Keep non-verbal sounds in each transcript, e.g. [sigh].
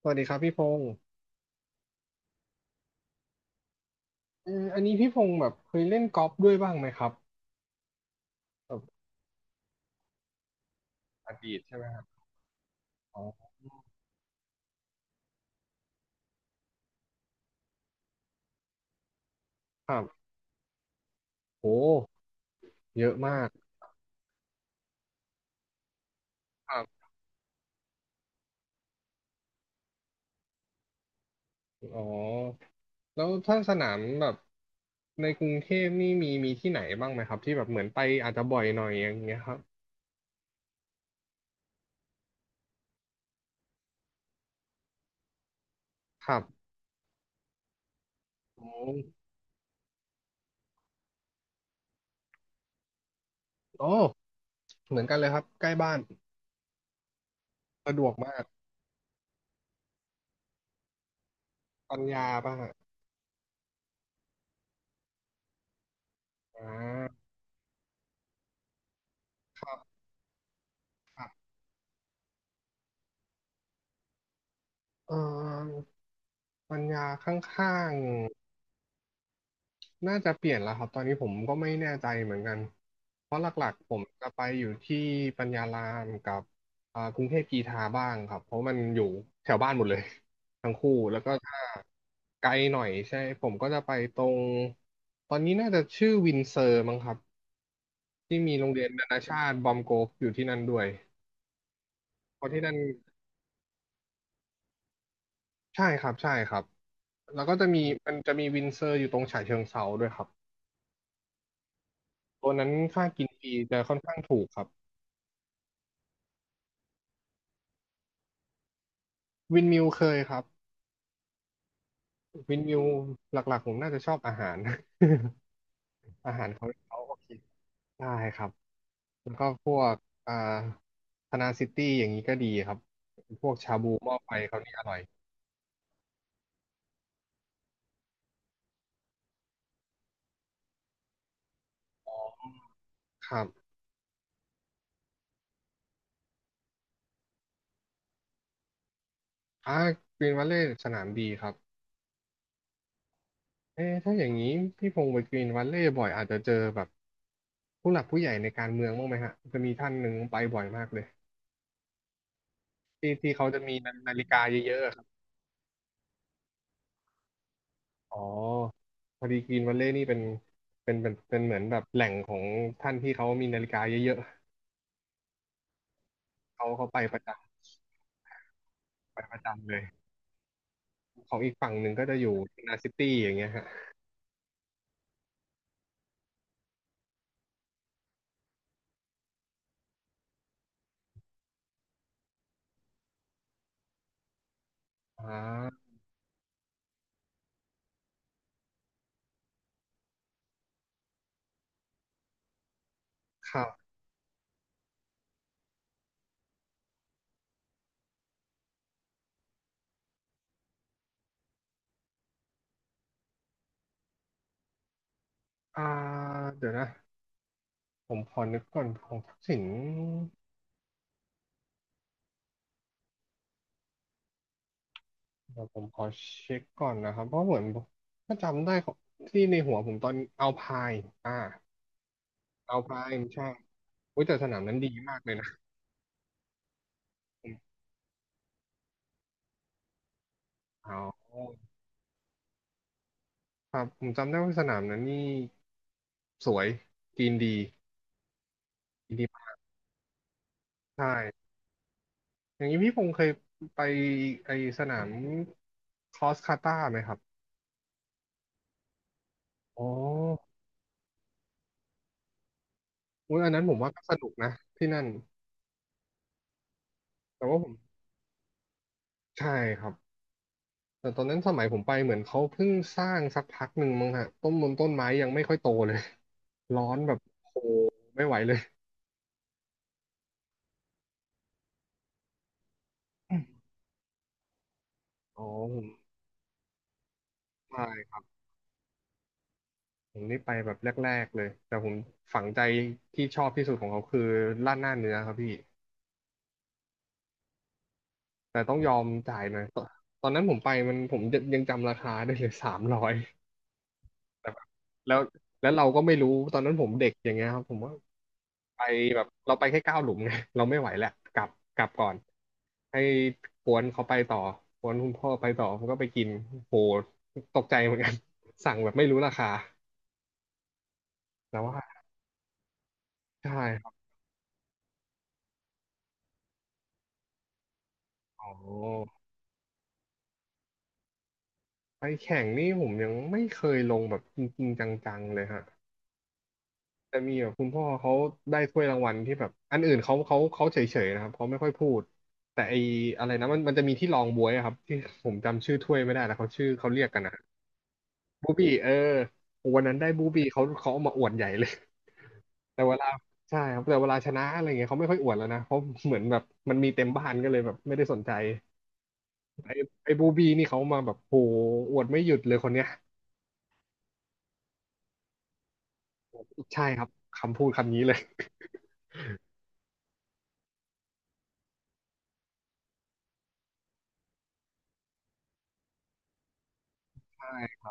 สวัสดีครับพี่พงศ์อันนี้พี่พงศ์แบบเคยเล่นกอล์ฟด้วยบ้างไหมครับแบบอดีตใช่ไหมครับอ๋อครับโหเยอะมากครับอ๋อแล้วถ้าสนามแบบในกรุงเทพนี่มีที่ไหนบ้างไหมครับที่แบบเหมือนไปอาจจะบ่อยหน่อยอย่างเงี้ยครับครับออโอเหมือนกันเลยครับใกล้บ้านสะดวกมากปัญญาป่ะฮะอ่าครับครับเออปัญญาข้าง น่าจะเปลี่ยนแล้วครับตอนนี้ผมก็ไม่แน่ใจเหมือนกันเพราะหลักๆผมจะไปอยู่ที่ปัญญารามกับกรุงเทพกีทาบ้างครับเพราะมันอยู่แถวบ้านหมดเลย [laughs] ทั้งคู่แล้วก็ถ้าไกลหน่อยใช่ผมก็จะไปตรงตอนนี้น่าจะชื่อวินเซอร์มั้งครับที่มีโรงเรียนนานาชาติบอมโกฟอยู่ที่นั่นด้วยเพราะที่นั่นใช่ครับใช่ครับแล้วก็จะมีมันจะมีวินเซอร์อยู่ตรงฉะเชิงเทราด้วยครับตัวนั้นค่ากินฟรีจะค่อนข้างถูกครับวินมิวเคยครับ วินวิวหลักๆผมน่าจะชอบอาหาร [laughs] อาหารเขาโอเคได้ครับแล้วก็พวกอ่าธนาซิตี้อย่างนี้ก็ดีครับพวกชาบูหม้อไฟเขานี่อร่อยครับอ่ากรีนวัลเลย์สนามดีครับเอ๊ะถ้าอย่างนี้พี่พงศ์ไปกรีนวัลเลย์บ่อยอาจจะเจอแบบผู้หลักผู้ใหญ่ในการเมืองบ้างไหมฮะจะมีท่านหนึ่งไปบ่อยมากเลยที่ที่เขาจะมีนาฬิกาเยอะๆ อ๋อ พอดีกรีนวัลเลย์นี่เป็นเหมือนแบบแหล่งของท่านที่เขามีนาฬิกาเยอะๆ เขาไปประจำไปประจำเลยของอีกฝั่งหนึ่งก็จะอยู่นาซิตี้อย่างเงี้ยฮะอ่าครับอ่าเดี๋ยวนะ ผมขอนึกก่อนของทักษิณเดี๋ยวผมขอเช็คก่อนนะครับ เพราะเหมือน ถ้าจำได้ของที่ในหัวผมตอนเอาพายอ่าเอาพายใช่อุ้ยแต่สนามนั้นดีมากเลยนะผมอ๋อครับ ผมจำได้ว่าสนามนั้นนี่ สวยจีนดีจีนดีมากใช่อย่างนี้พี่พงษ์เคยไปไอสนามครอสคาตาไหมครับอ๋ออุ๊ยอันนั้นผมว่าก็สนุกนะที่นั่นแต่ว่าผมใช่ครับแต่ตอนนั้นสมัยผมไปเหมือนเขาเพิ่งสร้างสักพักหนึ่งมั้งฮะต้นมนต้นไม้ยังไม่ค่อยโตเลย [laughs] ร้อนแบบโหไม่ไหวเลยอ๋อผมใช่ครับผมนี่ไปแบบแรกๆเลยแต่ผมฝังใจที่ชอบที่สุดของเขาคือราดหน้าเนื้อครับพี่ แต่ต้องยอมจ่ายหนะตอนนั้นผมไปมันผมยังจำราคาได้เลย300แต่แบบแล้วแล้วเราก็ไม่รู้ตอนนั้นผมเด็กอย่างเงี้ยครับผมว่าไปแบบเราไปแค่9 หลุมไงเราไม่ไหวแหละกลับกลับก่อนให้กวนเขาไปต่อกวนคุณพ่อไปต่อผมก็ไปกินโหตกใจเหมือนกัน [laughs] สั่งแบบไม่รู้ราคาแต่ว่าใช่ครับอ๋อไปแข่งนี่ผมยังไม่เคยลงแบบจริงๆจังๆเลยฮะ แต่มีแบบคุณพ่อเขาได้ถ้วยรางวัลที่แบบอันอื่นเขาเฉยๆนะครับเขาไม่ค่อยพูดแต่ไออะไรนะมันจะมีที่รองบ๊วยอะครับที่ผมจำชื่อถ้วยไม่ได้แล้วเขาชื่อเขาเรียกกันนะบูบี้เออวันนั้นได้บูบี้เขาเอามาอวดใหญ่เลยแต่เวลาใช่ครับแต่เวลาชนะอะไรเงี้ยเขาไม่ค่อยอวดแล้วนะเพราะเหมือนแบบมันมีเต็มบ้านก็เลยแบบไม่ได้สนใจไอ้ไอ้บูบี้นี่เขามาแบบโหอวดไม่หยุดเลยคนเนี้ยใช่ครับคำพูดคำนี้เลยใช่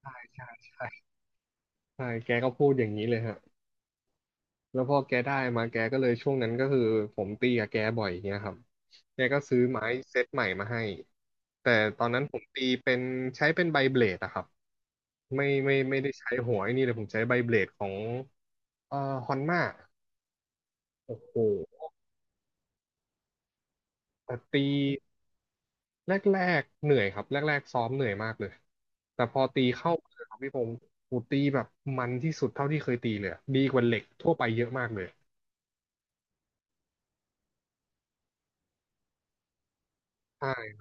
ใช่ใช่ใช่ใช่แกก็พูดอย่างนี้เลยฮะ แล้วพอแกได้มาแกก็เลยช่วงนั้นก็คือผมตีกับแกบ่อยอย่างเงี้ยครับแกก็ซื้อไม้เซตใหม่มาให้แต่ตอนนั้นผมตีเป็นใช้เป็นใบเบลดอะครับไม่ได้ใช้หัวไอ้นี่เลยผมใช้ใบเบลดของเอ่อฮอนม่าโอ้โหแต่ตีแรกๆเหนื่อยครับแรกๆซ้อมเหนื่อยมากเลยแต่พอตีเข้ามือครับพี่ผมผมตีแบบมันที่สุดเท่าที่เคยตีเลยอะดีกว่าเหล็กทั่วไปเยอะมากเลยใช่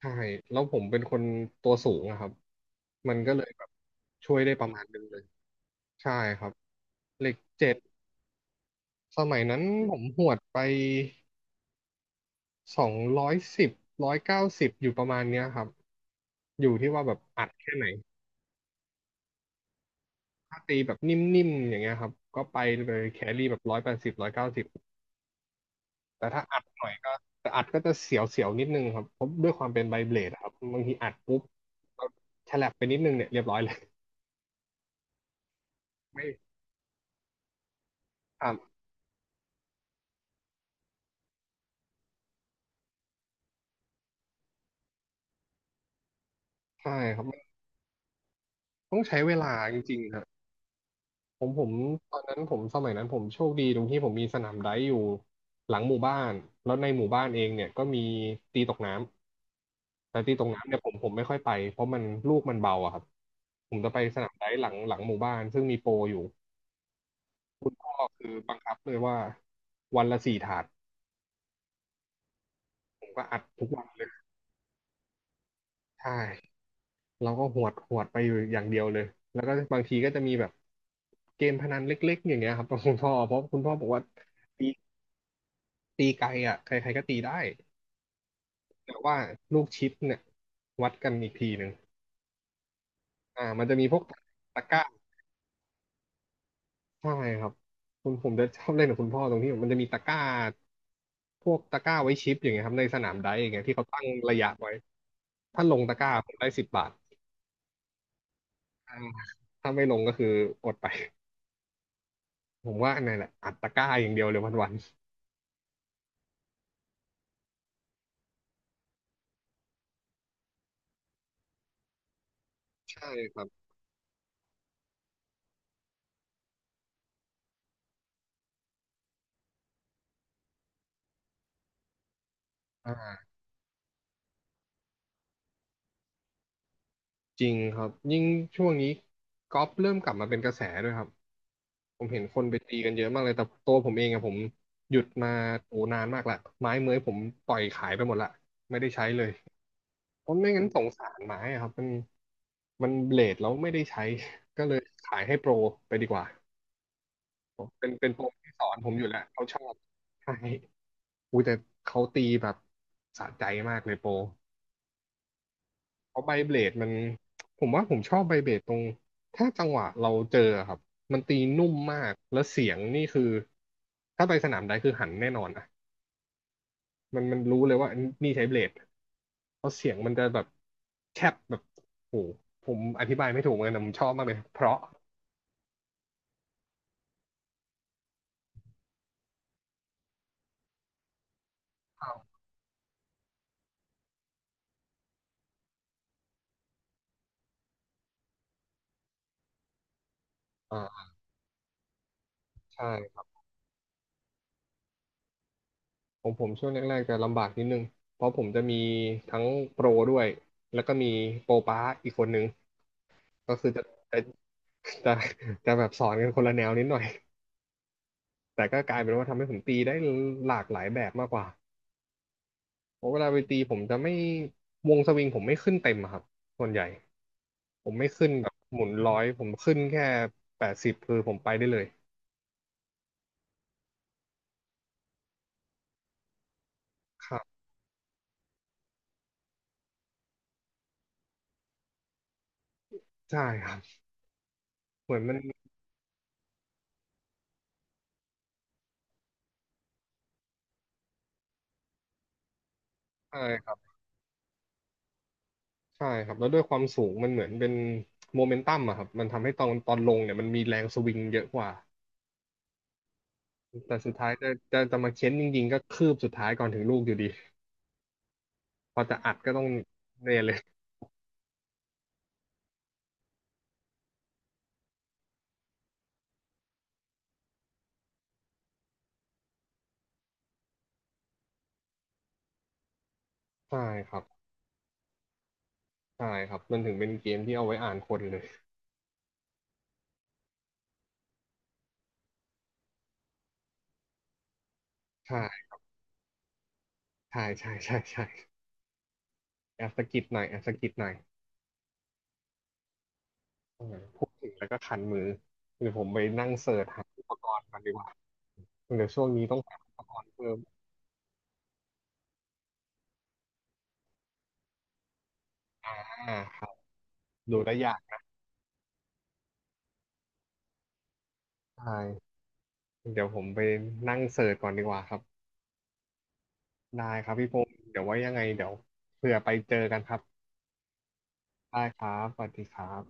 ใช่แล้วผมเป็นคนตัวสูงอะครับมันก็เลยแบบช่วยได้ประมาณนึงเลยใช่ครับเหล็กเจ็ดสมัยนั้นผมหวดไป210ร้อยเก้าสิบอยู่ประมาณเนี้ยครับอยู่ที่ว่าแบบอัดแค่ไหนถ้าตีแบบนิ่มๆอย่างเงี้ยครับก็ไปเลยแครี่แบบ180ร้อยเก้าสิบแต่ถ้าอัดหน่อยก็แต่อัดก็จะเสียวๆนิดนึงครับเพราะด้วยความเป็นไบเบลดอะครับบางทีอัดปุ๊บเราฉลับไปนิดนึงเนี่ยเรียบร้อยเลยไม่ครับใช่ครับ ต้องใช้เวลาจริงๆครับผมตอนนั้นผมสมัยนั้นผมโชคดีตรงที่ผมมีสนามไดฟ์อยู่หลังหมู่บ้านแล้วในหมู่บ้านเองเนี่ยก็มีตีตกน้ำแต่ตีตกน้ำเนี่ยผมไม่ค่อยไปเพราะมันลูกมันเบาอะครับผมจะไปสนามไดฟ์หลังหมู่บ้านซึ่งมีโปรอยู่คุณพ่อคือบังคับเลยว่าวันละสี่ถาดผมก็อัดทุกวันเลยใช่เราก็หวดหวดไปอยู่อย่างเดียวเลยแล้วก็บางทีก็จะมีแบบเกมพนันเล็กๆอย่างเงี้ยครับ [laughs] กับคุณพ่อเพราะคุณพ่อบอกว่าตี ตีไกลอ่ะใครๆก็ตีได้แต่ว่าลูกชิปเนี่ยวัดกันอีกทีหนึ่งอ่ามันจะมีพวกตะกร้าใช่ครับผมจะชอบเล่นกับคุณพ่อตรงที่มันจะมีตะกร้าพวกตะกร้าไว้ชิปอย่างเงี้ยครับในสนามไดร์อย่างเงี้ยที่เขาตั้งระยะไว้ถ้าลงตะกร้าผมได้10 บาทอ่าถ้าไม่ลงก็คืออดไปผมว่าอันนั้นแหละอัดตะกร้าอย่างเดียวเลยวันๆใช่ครับอ่าจริงครับยิ่งช่วงนี้กอล์ฟเริ่มกลับมาเป็นกระแสด้วยครับ ผมเห็นคนไปตีกันเยอะมากเลย แต่ตัวผมเองอะผมหยุดมาโอ้นานมากละไม้เมื้อยผมปล่อยขายไปหมดละไม่ได้ใช้เลยเพราะไม่งั้นสงสารไม้อะครับมันมันเบลดแล้วไม่ได้ใช้ก็เลยขายให้โปรไปดีกว่าผมเป็นโปรที่สอนผมอยู่แล้วเขาชอบใช่อุ้ยแต่เขาตีแบบสะใจมากเลยโปร เพราะใบเบลดมันผมว่าผมชอบใบเบลดตรงถ้าจังหวะเราเจอครับมันตีนุ่มมากแล้วเสียงนี่คือถ้าไปสนามใดคือหันแน่นอนอ่ะมันรู้เลยว่านี่ใช้เบลดเพราะเสียงมันจะแบบแคบแบบโอ้โหผมอธิบายไม่ถูกเหมือนกันแต่ผมชอบมากเลยเพราะอ้าวอ่าใช่ครับผมช่วงแรกๆจะลำบากนิดนึงเพราะผมจะมีทั้งโปรด้วยแล้วก็มีโปรป้าอีกคนนึงก็คือจะจะจะแบบสอนกันคนละแนวนิดหน่อย แต่ก็กลายเป็นว่าทำให้ผมตีได้หลากหลายแบบมากกว่าเพราะเวลาไปตีผมจะไม่วงสวิงผมไม่ขึ้นเต็มอะครับส่วนใหญ่ผมไม่ขึ้นแบบหมุน 100ผมขึ้นแค่แปดสิบคือผมไปได้เลยครับใช่ครับเหมือนมันใช่ครับใช่ครับแล้วด้วยความสูงมันเหมือนเป็นโมเมนตัมอะครับมันทำให้ตอนลงเนี่ยมันมีแรงสวิงเยอะกว่าแต่สุดท้ายจะมาเค้นจริงๆก็คืบสุดท้ายก่อนถึงลูกอยู่ดีพอจะอัดก็ต้องเนี่ยเลยใช่ครับใช่ครับมันถึงเป็นเกมที่เอาไว้อ่านคนเลย ใช่ ใช่ ใช่ใช่ใช่แอบสะกิดหน่อยแอบสะกิดหน่อยเออพูดถึงแล้วก็คันมือเดี๋ยวผมไปนั่งเสิร์ชหาอุปกรณ์กันดีกว่าเดี๋ยวช่วงนี้ต้องหาอุปกรณ์เพิ่มอ่าครับดูได้ยากนะใช่เดี๋ยวผมไปนั่งเสิร์ชก่อนดีกว่าครับได้ครับพี่พงศ์เดี๋ยวไว่ายังไงเดี๋ยวเผื่อไปเจอกันครับได้ครับสวัสดีครับ